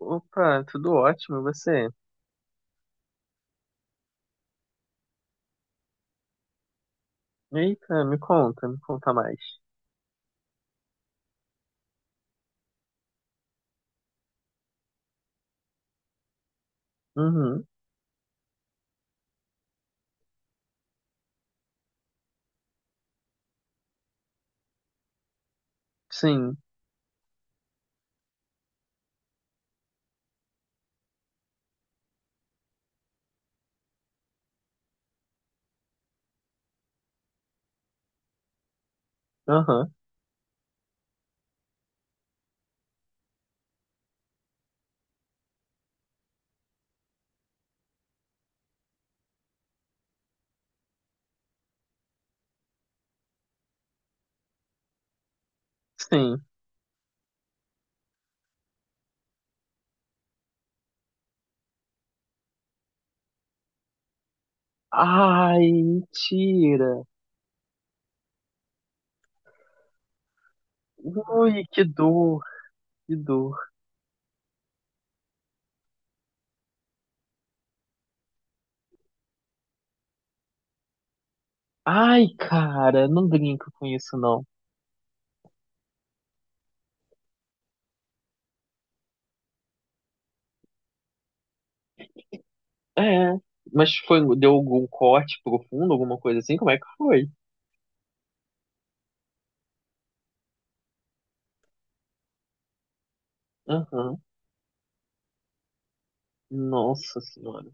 Opa, tudo ótimo, e você? Eita, me conta mais. Uhum, sim, aham, sim. Ai, mentira. Ui, que dor, que dor. Ai, cara, não brinca com isso, não. É, mas foi, deu algum corte profundo, alguma coisa assim? Como é que foi? Aham. Nossa Senhora.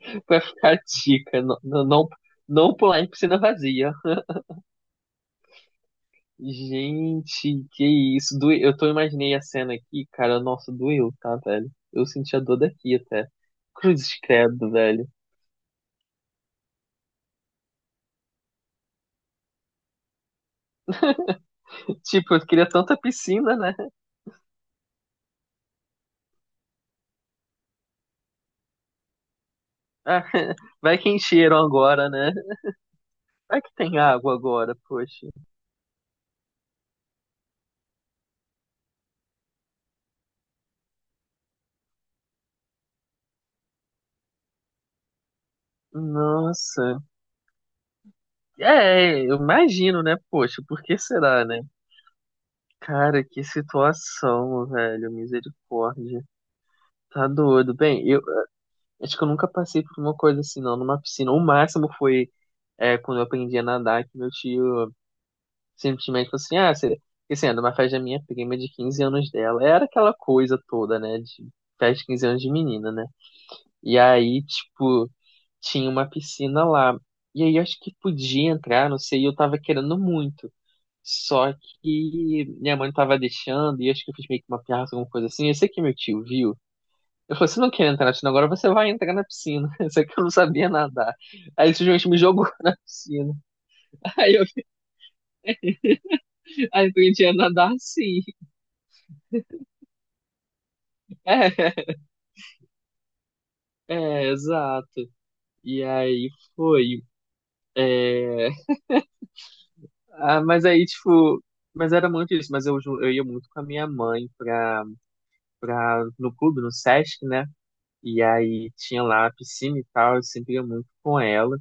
Vai ficar tica, não, não, não não pular em piscina vazia. Gente, que isso. Eu tô imaginei a cena aqui, cara. Nossa, doeu, tá, velho? Eu senti a dor daqui até. Cruzes credo, velho. Tipo, eu queria tanta piscina, né? Ah, vai que encheram agora, né? Vai que tem água agora, poxa. Nossa. É, eu imagino, né? Poxa, por que será, né? Cara, que situação, velho. Misericórdia. Tá doido. Bem, eu Acho que eu nunca passei por uma coisa assim, não, numa piscina. O máximo foi quando eu aprendi a nadar, que meu tio simplesmente falou assim, ah, porque, assim, era numa festa da minha prima de 15 anos dela. Era aquela coisa toda, né, de festa de 15 anos de menina, né? E aí, tipo, tinha uma piscina lá. E aí, eu acho que podia entrar, não sei, e eu tava querendo muito. Só que minha mãe não tava deixando, e acho que eu fiz meio que uma piada, alguma coisa assim. Eu sei que meu tio viu, eu falei, você não quer entrar na piscina agora, você vai entrar na piscina. Só que eu não sabia nadar. Aí ele simplesmente me jogou na piscina. Aí eu Aí eu aprendi a nadar assim. É, é, exato. E aí foi. É... Ah, mas aí, tipo, mas era muito isso. Mas eu, eu ia muito com a minha mãe no clube, no Sesc, né? E aí tinha lá a piscina e tal, eu sempre ia muito com ela.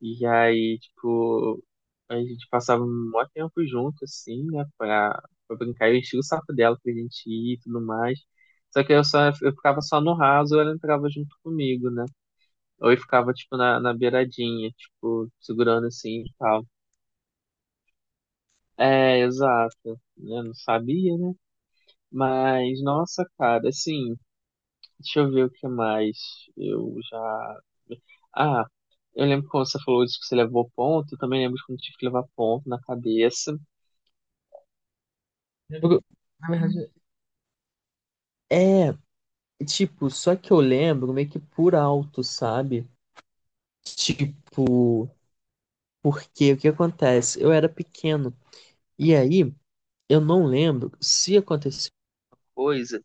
E aí, tipo, a gente passava um maior tempo junto, assim, né, pra brincar. Eu enchia o saco dela pra gente ir e tudo mais. Só que eu ficava só no raso, ou ela entrava junto comigo, né? Ou eu ficava, tipo, na beiradinha, tipo, segurando assim e tal. É, exato. Né, não sabia, né? Mas, nossa, cara, assim. Deixa eu ver o que mais eu já. Ah, eu lembro quando você falou disso que você levou ponto, eu também lembro de quando eu tive que levar ponto na cabeça. Lembro- Na verdade, é, tipo, só que eu lembro meio que por alto, sabe? Tipo, porque o que acontece? Eu era pequeno, e aí eu não lembro se aconteceu coisa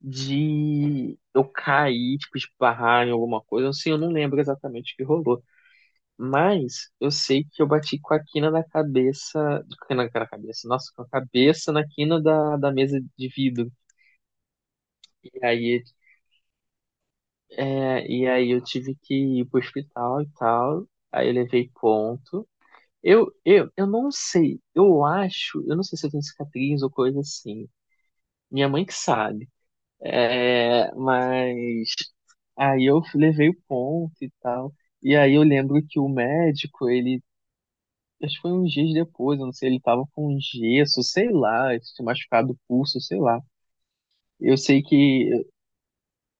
de eu cair, tipo, de barrar em alguma coisa, assim, eu não lembro exatamente o que rolou. Mas eu sei que eu bati com a quina da cabeça. Com a cabeça, nossa, com a cabeça na quina da mesa de vidro. E aí, e aí eu tive que ir pro hospital e tal. Aí eu levei ponto. Eu não sei, eu acho, eu não sei se eu tenho cicatriz ou coisa assim. Minha mãe que sabe. É, mas aí eu levei o ponto e tal. E aí eu lembro que o médico, ele Acho que foi uns dias depois, eu não sei, ele tava com gesso, sei lá, ele tinha machucado o pulso, sei lá. Eu sei que.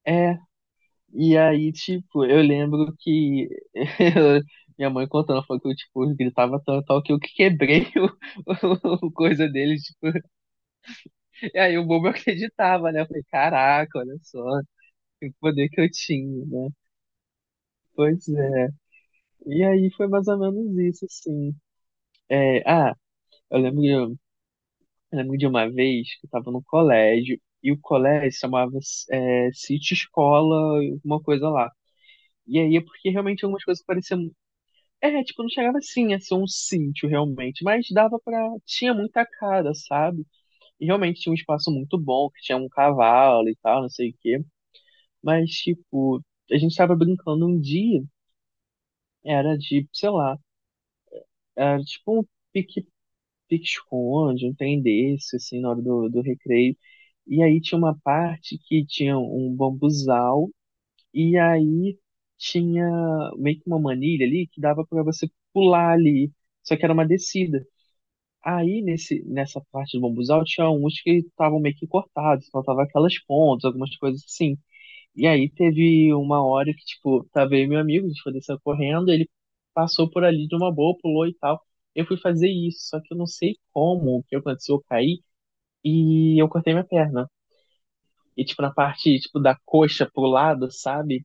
É, e aí, tipo, eu lembro que. Minha mãe contando, falou que eu, tipo, gritava tanto tal que eu que quebrei o, o coisa dele, tipo. E aí o bobo acreditava, né? Eu falei, caraca, olha só, que poder que eu tinha, né? Pois é. E aí foi mais ou menos isso, assim. É, ah, eu lembro. Eu lembro de uma vez que eu estava no colégio e o colégio se chamava City Escola, alguma coisa lá. E aí é porque realmente algumas coisas pareciam. É, tipo, não chegava assim a ser um sítio realmente, mas dava pra. Tinha muita cara, sabe? E realmente tinha um espaço muito bom, que tinha um cavalo e tal, não sei o quê. Mas, tipo, a gente estava brincando um dia, era de, sei lá, era tipo um pique pique-esconde, um trem desse, assim, na hora do recreio. E aí tinha uma parte que tinha um bambuzal, e aí tinha meio que uma manilha ali que dava para você pular ali, só que era uma descida. Aí nessa parte do bambuzal tinha uns que estavam meio que cortados, faltava aquelas pontas, algumas coisas assim. E aí teve uma hora que, tipo, tava aí meu amigo, a gente foi descer correndo, ele passou por ali de uma boa, pulou e tal. Eu fui fazer isso, só que eu não sei como, o que aconteceu, eu caí e eu cortei minha perna. E, tipo, na parte, tipo, da coxa pro lado, sabe?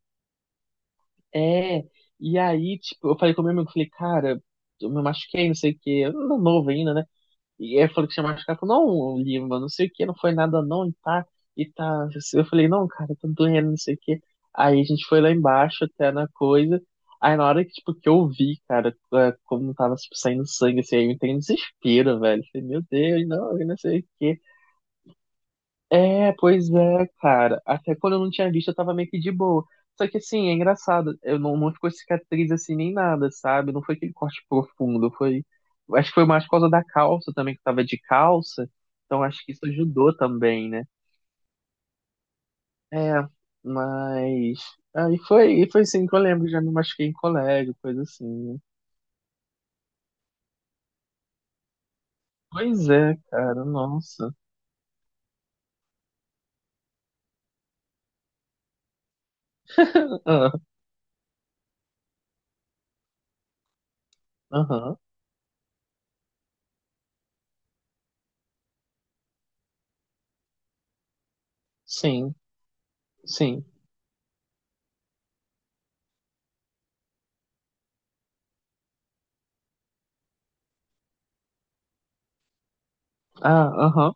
É, e aí, tipo, eu falei com meu amigo, falei, cara, eu me machuquei, não sei o quê, eu era novo ainda, né? E aí eu falei que tinha machucado. Falou, não, Lima, não sei o que, não foi nada não, e tá, e tá. Eu falei, não, cara, tá doendo, não sei o que. Aí a gente foi lá embaixo até na coisa. Aí na hora que, tipo, que eu vi, cara, como tava, tipo, saindo sangue, assim, aí eu entrei em desespero, velho. Falei, meu Deus, não, eu não sei o que. É, pois é, cara. Até quando eu não tinha visto, eu tava meio que de boa. Só que assim, é engraçado. Eu não, não ficou cicatriz assim nem nada, sabe? Não foi aquele corte profundo. Foi. Acho que foi mais por causa da calça também, que eu tava de calça. Então acho que isso ajudou também, né? É, mas. Aí foi, e foi assim que eu lembro, já me machuquei em colégio, coisa assim. Né? Pois é, cara, nossa. Ah. Aham, sim, sim. Ah, aham.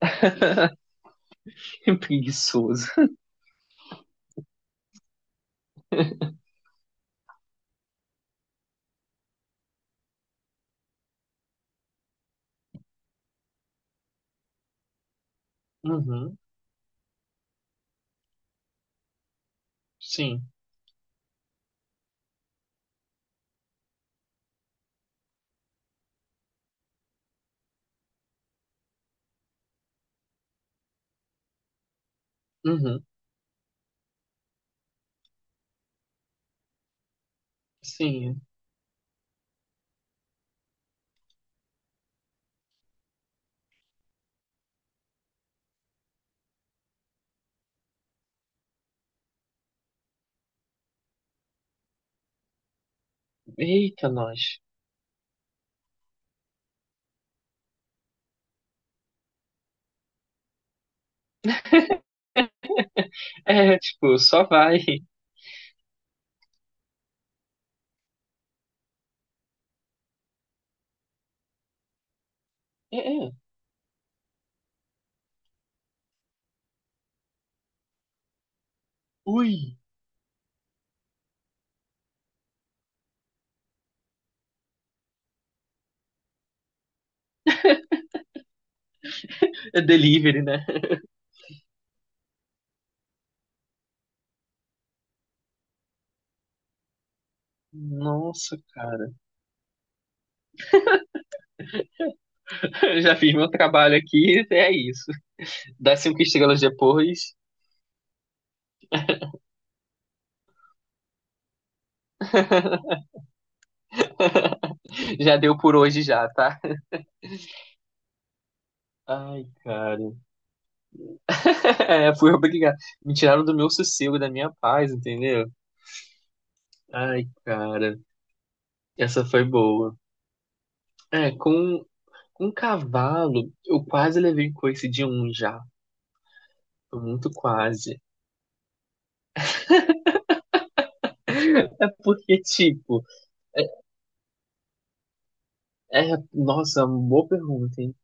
Que preguiçoso. Uhum. Sim. Uhum. Sim. Eita, nós. É, tipo, só vai. É, é. Ui. É delivery, né? Nossa, cara. Já fiz meu trabalho aqui, é isso. Dá cinco estrelas depois. Já deu por hoje já, tá? Ai, cara. É, fui obrigado. Me tiraram do meu sossego, da minha paz, entendeu? Ai, cara. Essa foi boa. É, com, um cavalo, eu quase levei coice de um já. Muito quase. É porque, tipo, nossa, boa pergunta, hein?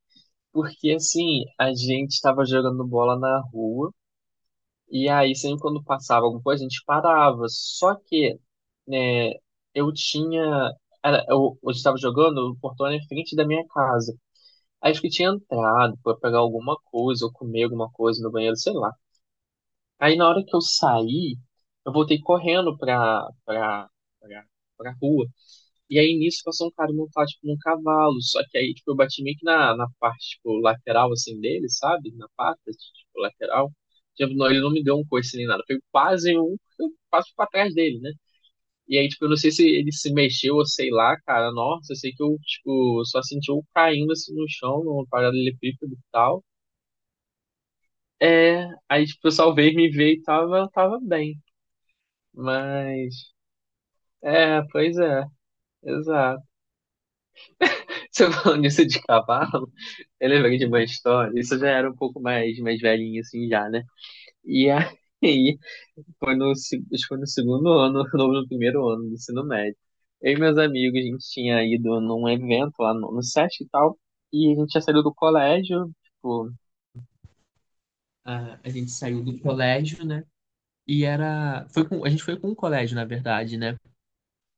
Porque, assim, a gente tava jogando bola na rua, e aí sempre quando passava alguma coisa, a gente parava. Só que, né, eu tinha. Era, eu estava jogando, o portão era em frente da minha casa. Acho que tinha entrado pra pegar alguma coisa, ou comer alguma coisa no banheiro, sei lá. Aí na hora que eu saí, eu voltei correndo pra, pra rua. E aí nisso passou um cara montado, tipo, num cavalo. Só que aí, tipo, eu bati meio que na parte, tipo, lateral, assim, dele, sabe? Na pata, tipo, lateral. Tipo, não, ele não me deu um coice nem nada. Foi quase um, eu passo pra trás dele, né? E aí, tipo, eu não sei se ele se mexeu ou sei lá, cara. Nossa, eu sei que eu, tipo, só senti eu caindo, assim, no chão, numa paralelepípedo e tal. É, aí, tipo, eu salvei, me veio e tava bem. Mas, pois é, exato. Você falando isso de cavalo, eu lembrei de uma história. Isso já era um pouco mais velhinho, assim, já, né? E aí, foi acho que foi no segundo ano, ou no primeiro ano do ensino médio. Eu e meus amigos, a gente tinha ido num evento lá no SESC e tal, e a gente tinha saído do colégio, tipo, a gente saiu do colégio, né? E era. A gente foi com o colégio, na verdade, né?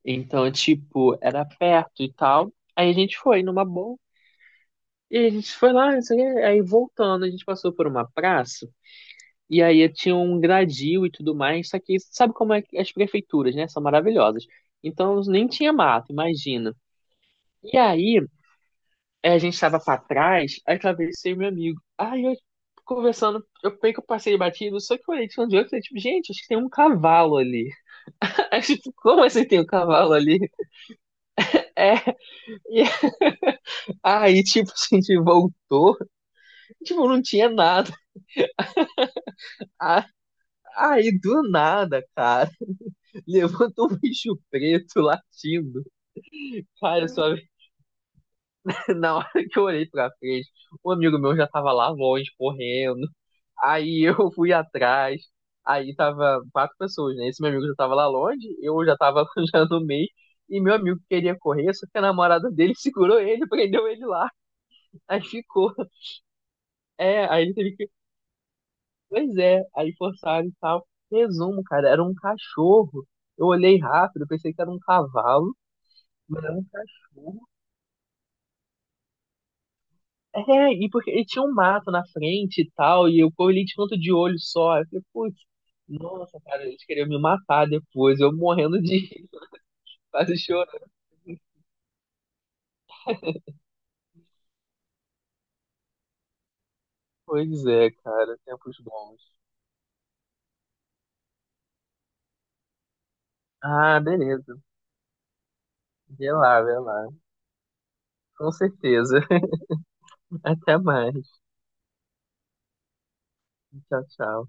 Então, tipo, era perto e tal. Aí a gente foi numa boa. E a gente foi lá, não sei o quê. Aí voltando, a gente passou por uma praça. E aí tinha um gradil e tudo mais. Só que sabe como é que as prefeituras, né? São maravilhosas. Então nem tinha mato, imagina. E aí a gente tava pra trás, aí atravessei meu amigo. Aí eu conversando, eu peguei que eu passei batido, só que eu olhei de onde eu falei, tipo, gente, acho que tem um cavalo ali. Aí, tipo, como assim tem um cavalo ali? É, e aí, tipo, a gente voltou, tipo, não tinha nada. Ah, aí, do nada, cara. Levantou um bicho preto latindo. Cara, só na hora que eu olhei pra frente, um amigo meu já tava lá longe, correndo. Aí eu fui atrás. Aí tava quatro pessoas, né? Esse meu amigo já tava lá longe, eu já tava já no meio. E meu amigo queria correr, só que a namorada dele segurou ele, prendeu ele lá. Aí ficou. É, aí ele teve que. Pois é, aí forçaram e tal. Resumo, cara, era um cachorro. Eu olhei rápido, pensei que era um cavalo, mas era um cachorro. É, e porque ele tinha um mato na frente e tal, e eu corri de canto de olho só. Eu falei, putz, nossa, cara, eles queriam me matar depois, eu morrendo de rir, quase chorando. Pois é, cara, tempos bons. Ah, beleza. Vê lá, vê lá. Com certeza. Até mais. Tchau, tchau.